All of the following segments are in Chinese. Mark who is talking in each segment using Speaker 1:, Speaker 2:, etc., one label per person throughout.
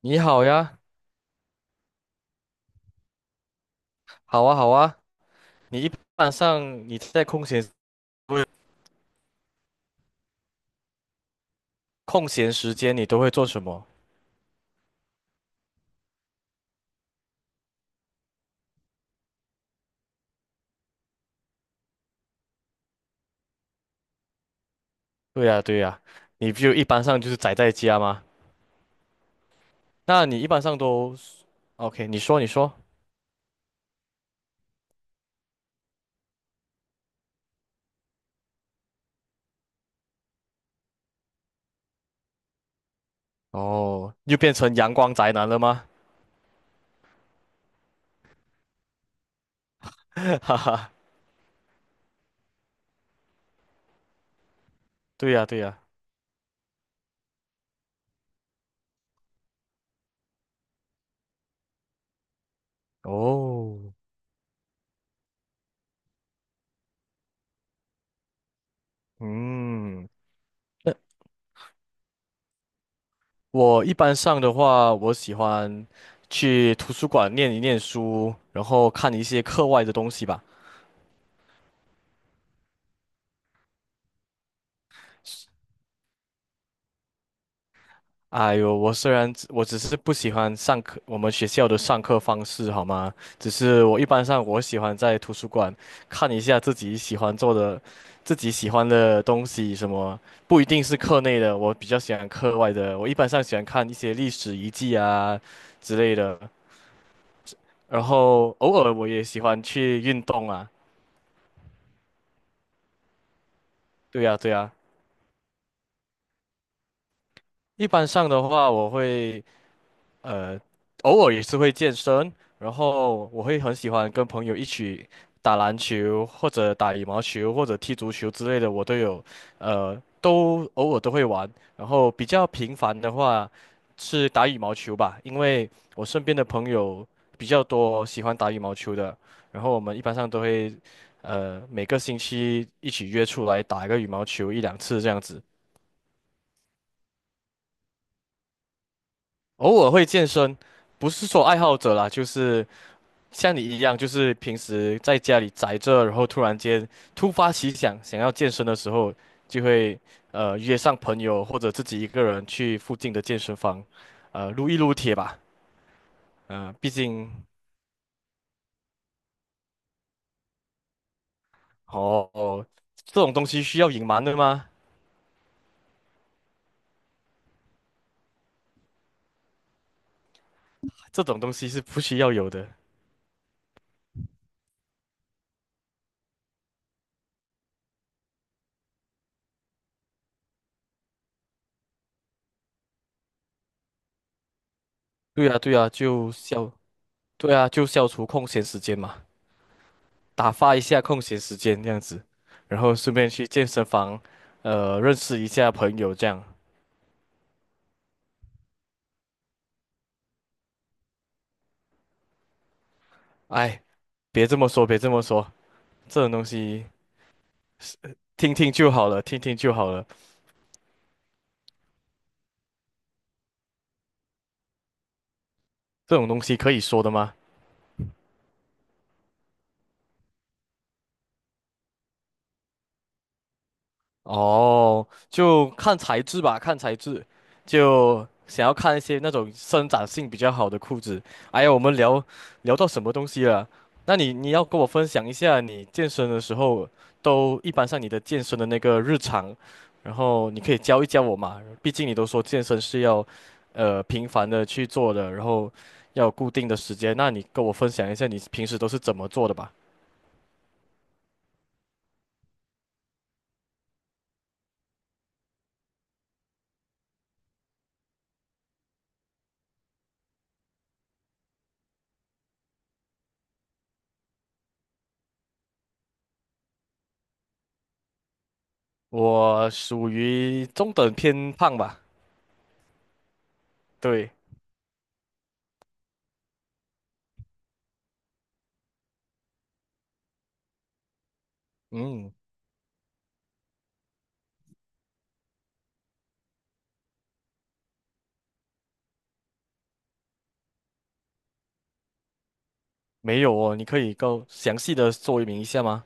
Speaker 1: 你好呀，好啊，好啊。你一般上在空闲不是空闲时间，你都会做什么？对呀，对呀。你就一般上就是宅在家吗？那你一般上都，OK？你说，你说。哦，又变成阳光宅男了吗？哈哈，对呀，对呀。哦，嗯，那我一般上的话，我喜欢去图书馆念一念书，然后看一些课外的东西吧。哎呦，我虽然只是不喜欢上课，我们学校的上课方式，好吗？只是我一般上喜欢在图书馆看一下自己喜欢做的、自己喜欢的东西，什么不一定是课内的，我比较喜欢课外的。我一般上喜欢看一些历史遗迹啊之类的，然后偶尔我也喜欢去运动啊。对呀，对呀。一般上的话，我会。呃，偶尔也是会健身，然后我会很喜欢跟朋友一起打篮球，或者打羽毛球，或者踢足球之类的，我都有，都偶尔都会玩。然后比较频繁的话是打羽毛球吧，因为我身边的朋友比较多喜欢打羽毛球的，然后我们一般上都会，每个星期一起约出来打一个羽毛球一两次这样子。偶尔会健身，不是说爱好者啦，就是。像你一样，就是平时在家里宅着，然后突然间突发奇想，想要健身的时候，就会约上朋友或者自己一个人去附近的健身房，撸一撸铁吧。嗯、毕竟哦哦，这种东西需要隐瞒的吗？这种东西是不需要有的。对啊，对啊，对啊，就消除空闲时间嘛，打发一下空闲时间这样子，然后顺便去健身房，认识一下朋友这样。哎，别这么说，别这么说，这种东西是听听就好了，听听就好了，这种东西可以说的吗？哦，就看材质吧，看材质，就想要看一些那种生长性比较好的裤子。哎呀，我们聊到什么东西了？那你要跟我分享一下你健身的时候，都一般上你的健身的那个日常，然后你可以教一教我嘛。毕竟你都说健身是要，频繁的去做的，然后要有固定的时间。那你跟我分享一下你平时都是怎么做的吧？我属于中等偏胖吧，对。嗯。没有哦，你可以够详细的说明一下吗？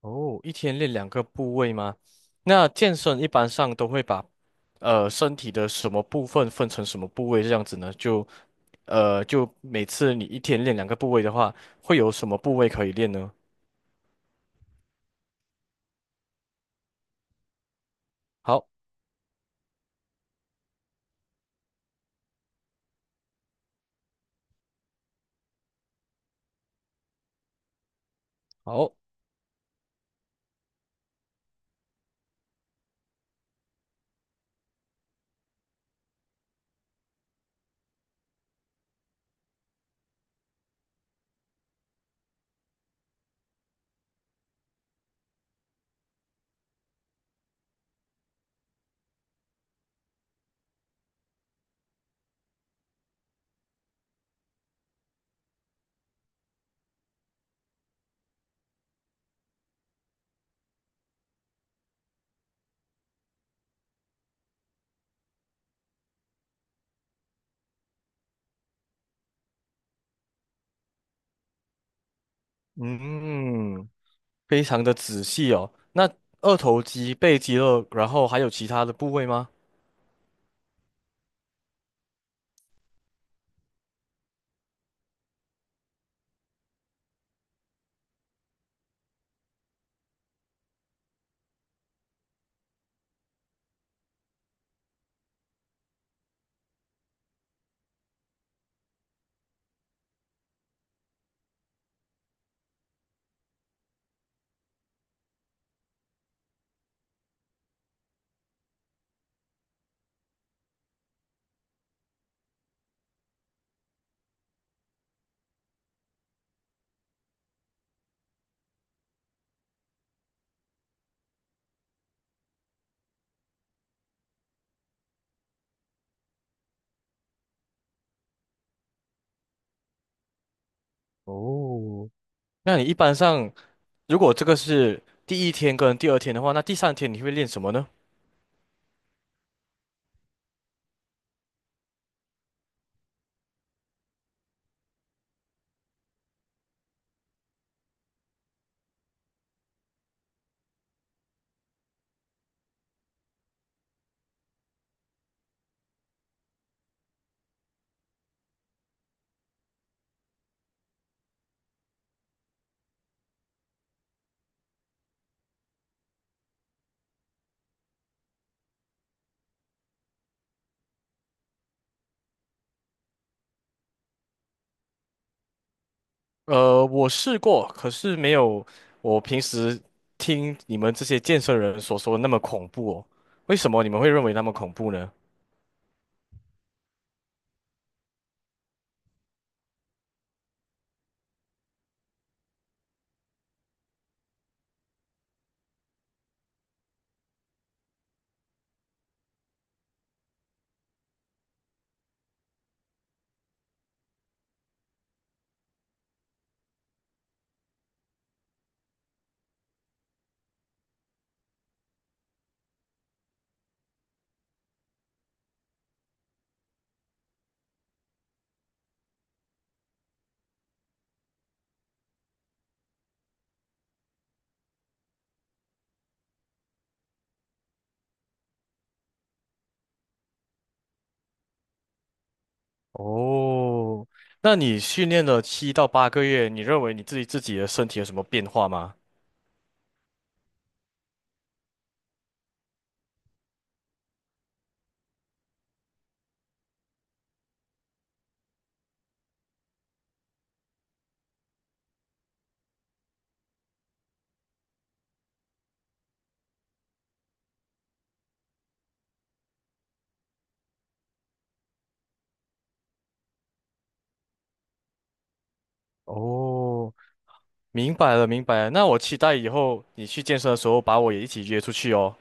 Speaker 1: 哦，一天练两个部位吗？那健身一般上都会把身体的什么部分分成什么部位这样子呢？就每次你一天练两个部位的话，会有什么部位可以练呢？好，好，嗯，非常的仔细哦。那二头肌、背肌肉，然后还有其他的部位吗？哦，那你一般上如果这个是第一天跟第二天的话，那第三天你会练什么呢？我试过，可是没有我平时听你们这些健身人所说的那么恐怖哦。为什么你们会认为那么恐怖呢？哦，那你训练了7到8个月，你认为你自己的身体有什么变化吗？哦，明白了，明白了。那我期待以后你去健身的时候，把我也一起约出去哦。